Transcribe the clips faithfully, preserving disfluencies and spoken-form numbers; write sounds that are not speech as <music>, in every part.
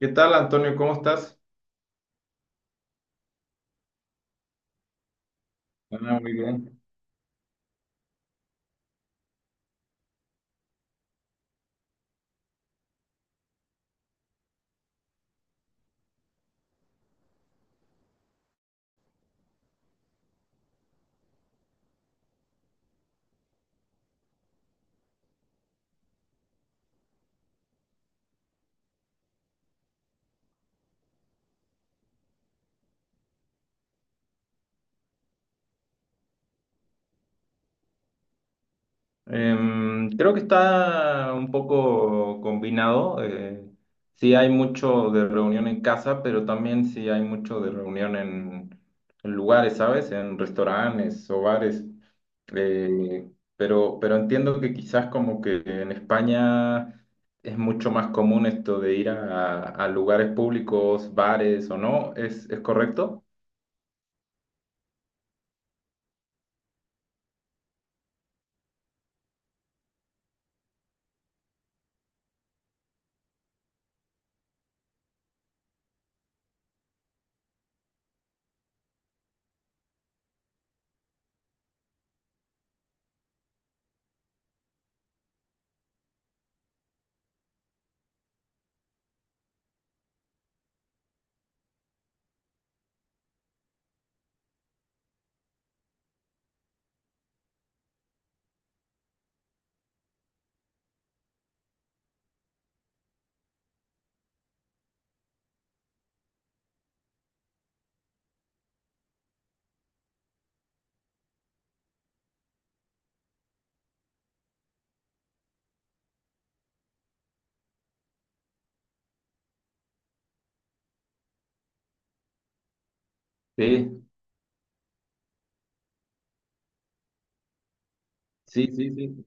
¿Qué tal, Antonio? ¿Cómo estás? Hola, muy bien. Em, creo que está un poco combinado. Eh, sí hay mucho de reunión en casa, pero también sí hay mucho de reunión en, en lugares, ¿sabes? En restaurantes o bares. Eh, pero, pero entiendo que quizás como que en España es mucho más común esto de ir a, a lugares públicos, bares o no. ¿Es, es correcto? Sí, sí, sí, sí.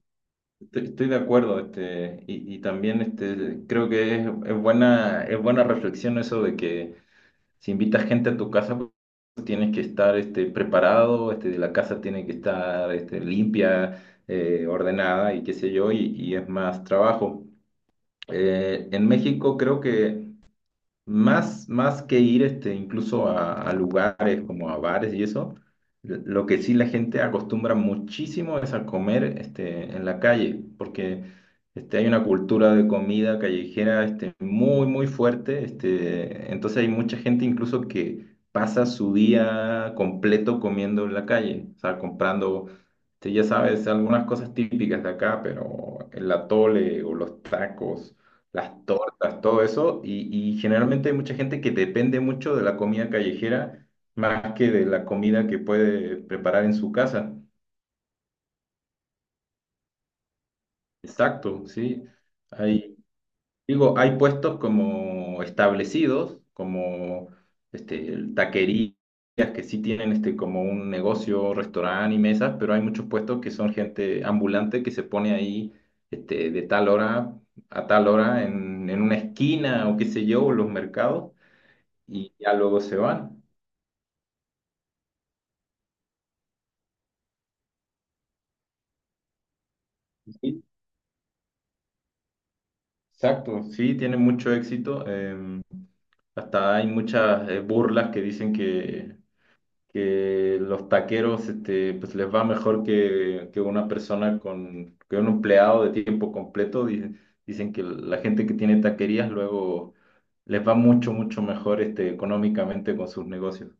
Estoy estoy de acuerdo, este, y, y también este, creo que es, es buena, es buena reflexión eso de que si invitas gente a tu casa, pues, tienes que estar este, preparado, este, la casa tiene que estar este, limpia, eh, ordenada y qué sé yo, y, y es más trabajo. Eh, en México creo que más, más que ir este, incluso a, a lugares como a bares y eso, lo que sí la gente acostumbra muchísimo es a comer este, en la calle, porque este, hay una cultura de comida callejera este, muy, muy fuerte. Este, entonces hay mucha gente incluso que pasa su día completo comiendo en la calle, o sea, comprando, este, ya sabes, algunas cosas típicas de acá, pero el atole o los tacos las tortas, todo eso, y, y generalmente hay mucha gente que depende mucho de la comida callejera más que de la comida que puede preparar en su casa. Exacto, sí. Hay, digo, hay puestos como establecidos, como este, taquerías que sí tienen este, como un negocio, restaurante y mesas, pero hay muchos puestos que son gente ambulante que se pone ahí este, de tal hora a tal hora en, en una esquina o qué sé yo, o los mercados y ya luego se van. Sí, exacto, sí, tiene mucho éxito. Em, hasta hay muchas eh, burlas que dicen que, que los taqueros este, pues les va mejor que, que una persona con que un empleado de tiempo completo. Dicen, dicen que la gente que tiene taquerías luego les va mucho, mucho mejor este, económicamente con sus negocios.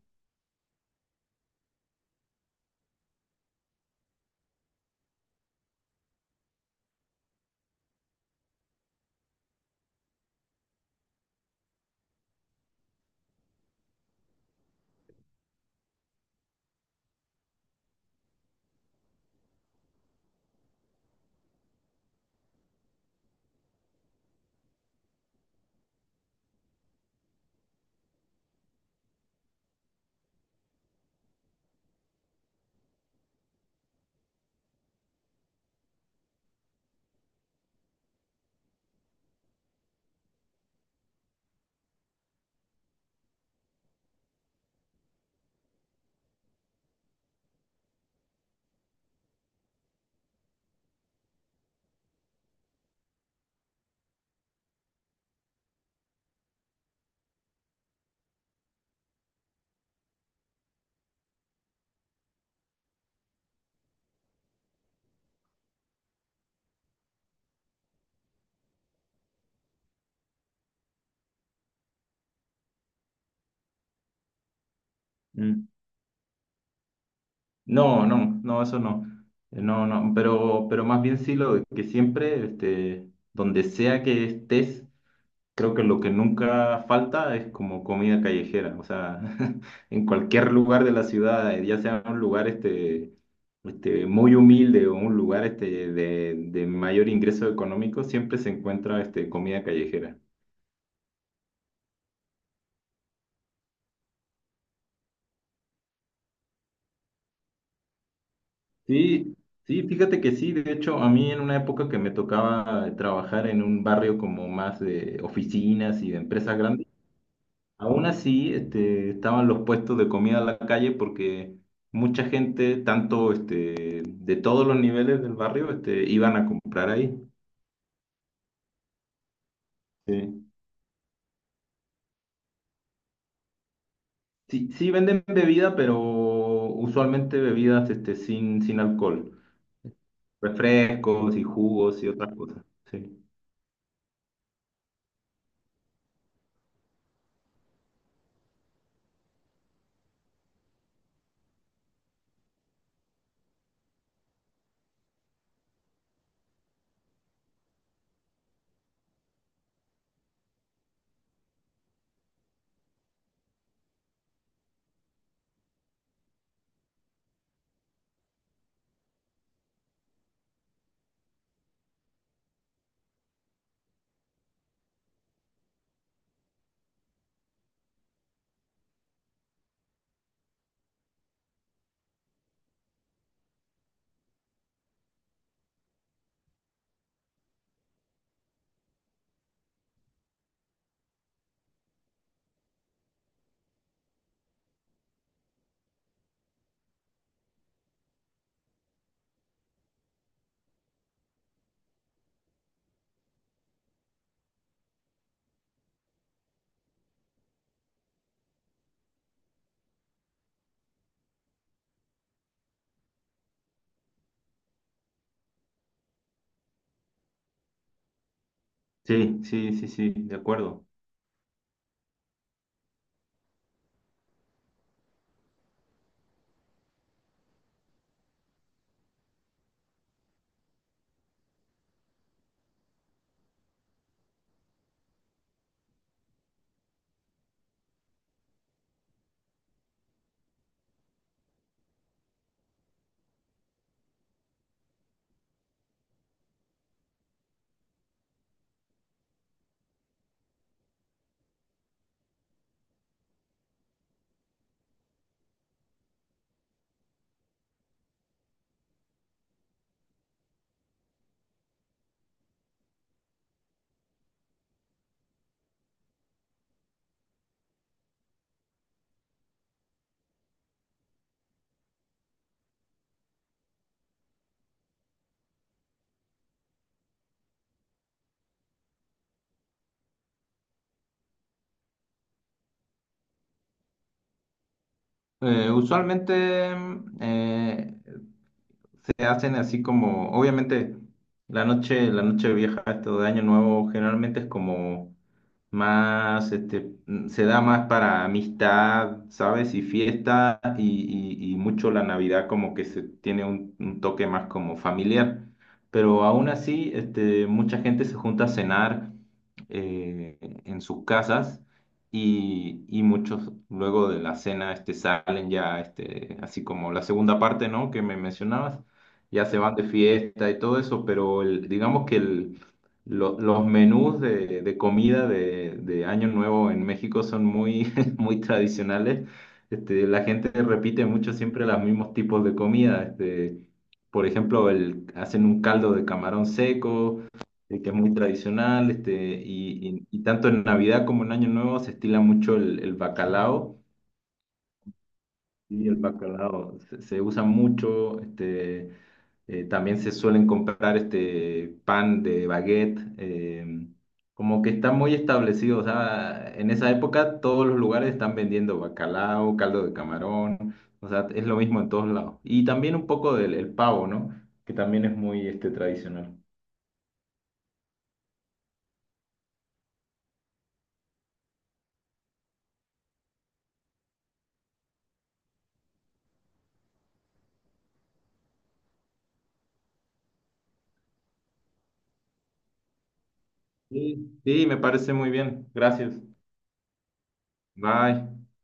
Mm. No, no, no, eso no. Eh, No, no, pero, pero más bien sí lo de que siempre, este, donde sea que estés, creo que lo que nunca falta es como comida callejera. O sea, <laughs> en cualquier lugar de la ciudad, eh, ya sea un lugar este, este, muy humilde o un lugar este, de, de mayor ingreso económico, siempre se encuentra este, comida callejera. Sí, sí, fíjate que sí, de hecho, a mí en una época que me tocaba trabajar en un barrio como más de oficinas y de empresas grandes, aún así este, estaban los puestos de comida en la calle porque mucha gente, tanto este, de todos los niveles del barrio, este, iban a comprar ahí. Sí. Sí, sí venden bebida, pero usualmente bebidas este, sin, sin alcohol, refrescos y jugos y otras cosas. Sí, sí, sí, sí, sí, de acuerdo. Eh, usualmente mm, eh, se hacen así como, obviamente, la noche, la noche vieja, esto de Año Nuevo, generalmente es como más, este, mm, se da más para amistad, ¿sabes? Y fiesta y, y- y mucho la Navidad como que se tiene un, un toque más como familiar. Pero aún así, este, mucha gente se junta a cenar eh, en sus casas y, y muchos luego de la cena este, salen ya, este, así como la segunda parte, ¿no? Que me mencionabas, ya se van de fiesta y todo eso, pero el, digamos que el lo- los menús de, de comida de, de Año Nuevo en México son muy, <laughs> muy tradicionales. Este, la gente repite mucho siempre los mismos tipos de comida. Este, por ejemplo, el, hacen un caldo de camarón seco, eh, que es muy tradicional. Este, y, y- y tanto en Navidad como en Año Nuevo se estila mucho el, el bacalao. Y el bacalao se, se usa mucho. Este, eh, también se suelen comprar este pan de baguette, eh, como que está muy establecido. O sea, en esa época todos los lugares están vendiendo bacalao, caldo de camarón, o sea, es lo mismo en todos lados. Y también un poco del el pavo, ¿no? Que también es muy este, tradicional. Sí, sí, me parece muy bien. Gracias. Bye.